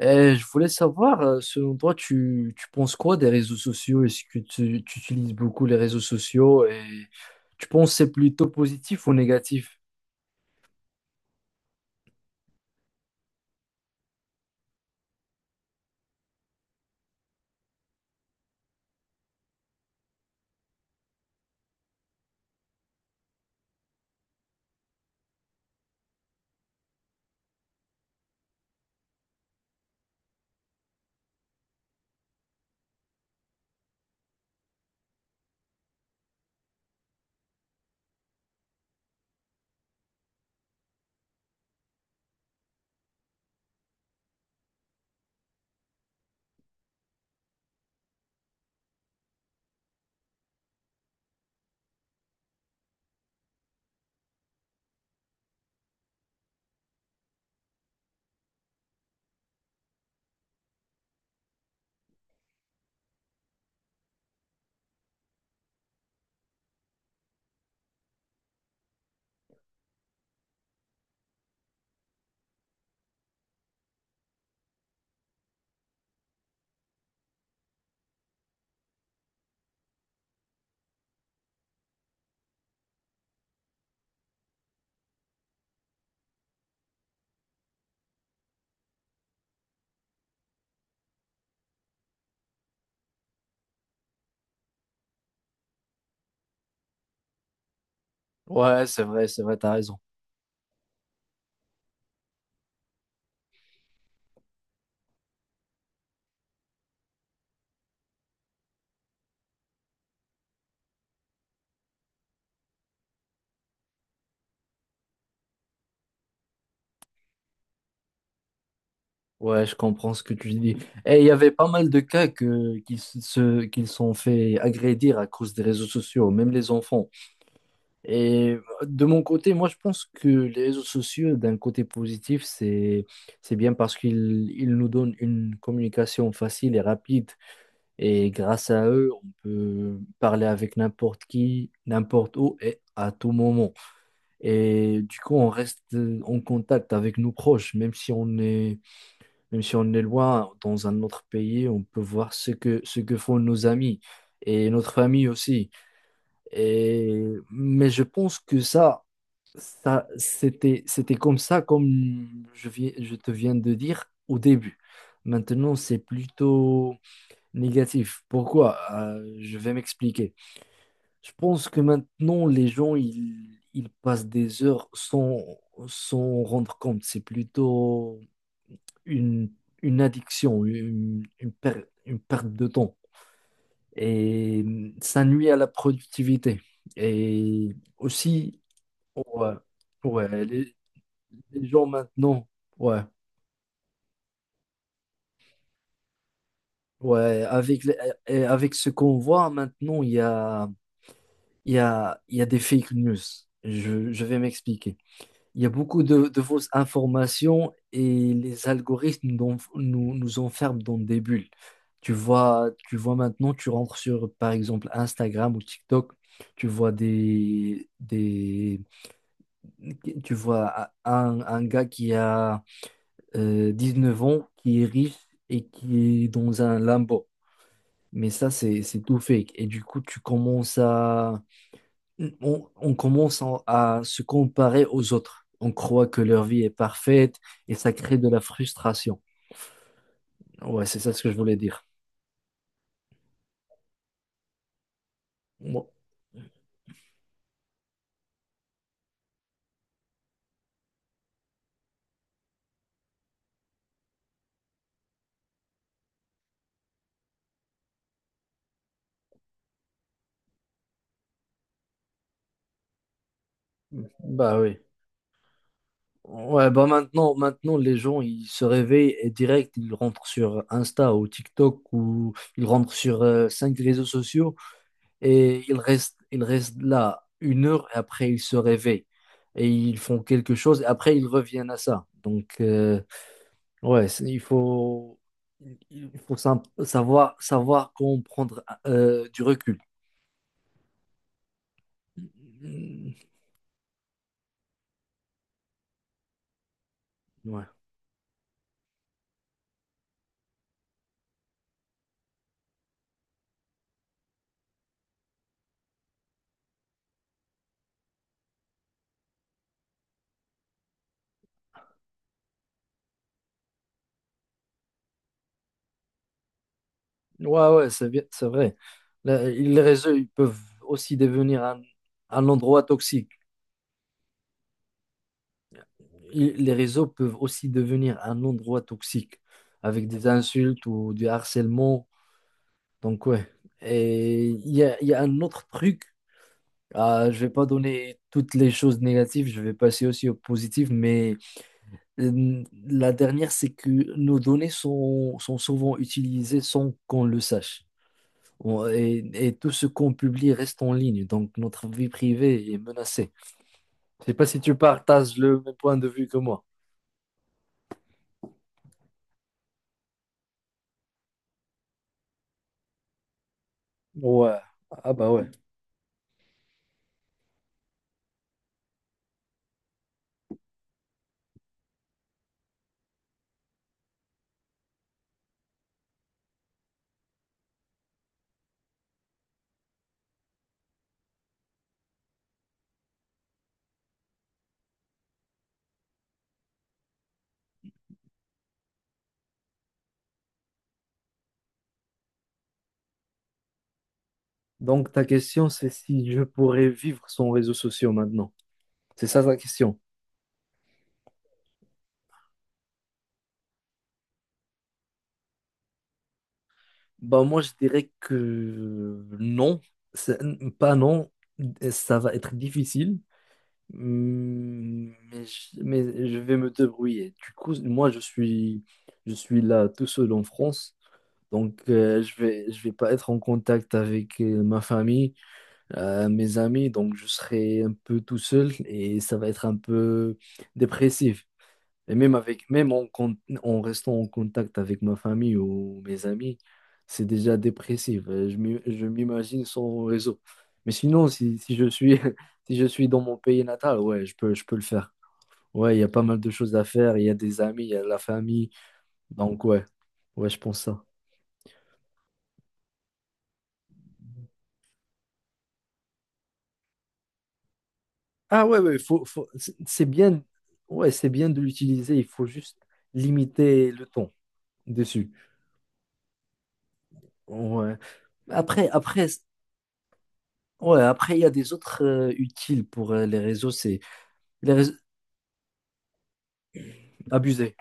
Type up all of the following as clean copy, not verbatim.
Et je voulais savoir, selon toi, tu penses quoi des réseaux sociaux? Est-ce que tu utilises beaucoup les réseaux sociaux et tu penses que c'est plutôt positif ou négatif? Ouais, c'est vrai, t'as raison. Ouais, je comprends ce que tu dis. Et il y avait pas mal de cas qu'ils se, qu'ils sont fait agrédir à cause des réseaux sociaux, même les enfants. Et de mon côté, moi, je pense que les réseaux sociaux, d'un côté positif, c'est bien parce qu'ils, ils nous donnent une communication facile et rapide. Et grâce à eux, on peut parler avec n'importe qui, n'importe où et à tout moment. Et du coup, on reste en contact avec nos proches, même si on est loin dans un autre pays, on peut voir ce que font nos amis et notre famille aussi. Et, mais je pense que ça, c'était comme ça, je te viens de dire au début. Maintenant, c'est plutôt négatif. Pourquoi? Je vais m'expliquer. Je pense que maintenant, les gens, ils passent des heures sans s'en rendre compte. C'est plutôt une, une addiction, une perte de temps. Et ça nuit à la productivité. Et aussi, ouais, ouais, les, les gens maintenant, ouais, ouais, avec, les- et avec ce qu'on voit maintenant, il y a il y a des fake news. Je vais m'expliquer. Il y a beaucoup de fausses informations et les algorithmes nous enferment dans des bulles. Tu vois maintenant, tu rentres sur, par exemple, Instagram ou TikTok, tu vois des, des, tu vois un gars qui a 9 ans, qui est riche et qui est dans un Lambo. Mais ça, c'est tout fake. Et du coup, tu commences à, on commence à se comparer aux autres. On croit que leur vie est parfaite et ça crée de la frustration. Ouais, c'est ça ce que je voulais dire. Bon, bah oui. Ouais, bah maintenant, les gens, ils se réveillent et direct, ils rentrent sur Insta ou TikTok ou ils rentrent sur 5 réseaux sociaux et ils restent là 1 heure et après, ils se réveillent et ils font quelque chose et après, ils reviennent à ça. Donc, ouais, c'est- il faut savoir comment prendre du recul. Mm, ouais, ouais, ouais, c'est bien- c'est vrai. Le- les réseaux, ils peuvent aussi devenir un endroit toxique. Il- les réseaux peuvent aussi devenir un endroit toxique avec des insultes ou du harcèlement. Donc, ouais. Et il y a un autre truc. Je vais pas donner toutes les choses négatives, je vais passer aussi aux positives, mais la dernière, c'est que nos données sont souvent utilisées sans qu'on le sache. Et tout ce qu'on publie reste en ligne, donc notre vie privée est menacée. Je sais pas si tu partages le même point de vue que moi. Ouais, ah bah ouais. Donc ta question, c'est si je pourrais vivre sans réseaux sociaux maintenant. C'est ça ta question. Bah moi, je dirais que non, c'est- pas non, ça va être difficile. Hmm. Mais je vais me débrouiller. Du coup, moi, je suis là tout seul en France. Donc, je vais pas être en contact avec ma famille, mes amis. Donc, je serai un peu tout seul et ça va être un peu dépressif. Et même avec, en restant en contact avec ma famille ou mes amis, c'est déjà dépressif. Je m'imagine sans réseau. Mais sinon, si je suis, si je suis dans mon pays natal, ouais, je peux le faire. Ouais, il y a pas mal de choses à faire. Il y a des amis, il y a la famille. Donc, ouais, ouais, je pense ça. Ah, ouais, ouais, c'est bien, ouais, c'est bien de l'utiliser. Il faut juste limiter le temps dessus. Ouais. Après, ouais, après, il y a des autres utiles pour les réseaux, c'est les réseaux... abusés.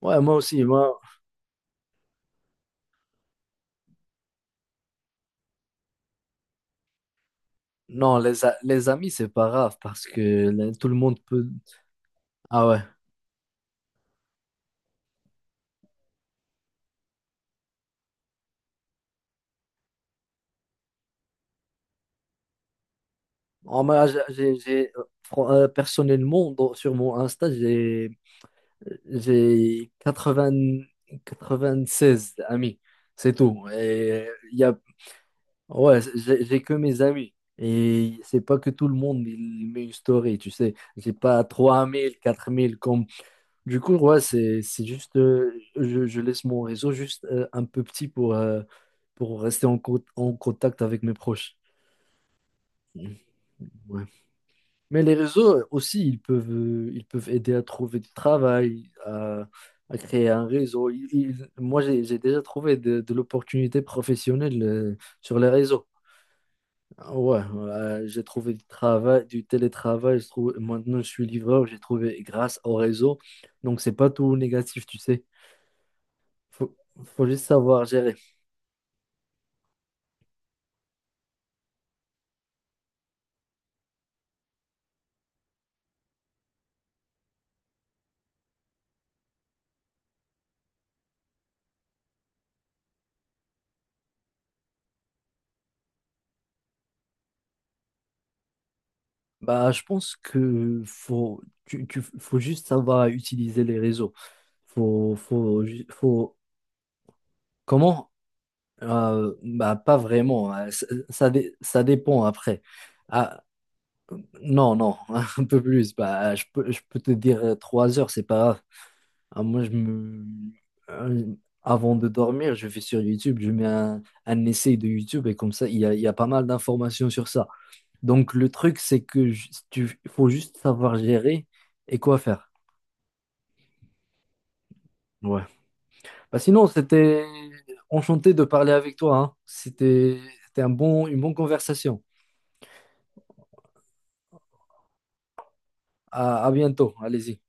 Ouais, moi aussi, moi, non, les amis, c'est pas grave parce que là, tout le monde peut. Ah ouais. En moi, personnellement, sur mon Insta, j'ai 96 amis, c'est tout. Et il y a... ouais, j'ai que mes amis. Et c'est pas que tout le monde il met une story, tu sais. J'ai pas 3000, 4000 comme. Du coup, ouais, c'est juste, je laisse mon réseau juste un peu petit pour rester en, en contact avec mes proches. Mhm, ouais. Mais les réseaux aussi, ils peuvent aider à trouver du travail, à créer un réseau. Ils- ils- moi, j'ai déjà trouvé de l'opportunité professionnelle sur les réseaux. Ah ouais, j'ai trouvé du travail, du télétravail. Je trouve, maintenant, je suis livreur, j'ai trouvé grâce au réseau. Donc, c'est pas tout négatif, tu sais. Faut, Faut juste savoir gérer. Bah, je pense que faut juste savoir utiliser les réseaux. Faut, faut, ju- faut, Comment? Bah, pas vraiment, hein. Ça dépend après. Ah, non, non, un peu plus. Bah, je peux te dire 3 heures, c'est pas grave. Ah, euh, avant de dormir, je vais sur YouTube, je mets un essai de YouTube et comme ça, il y a pas mal d'informations sur ça. Donc, le truc, c'est que il faut juste savoir gérer et quoi faire. Ouais. Bah, sinon, c'était enchanté de parler avec toi, hein. C'était une bonne conversation. À bientôt. Allez-y.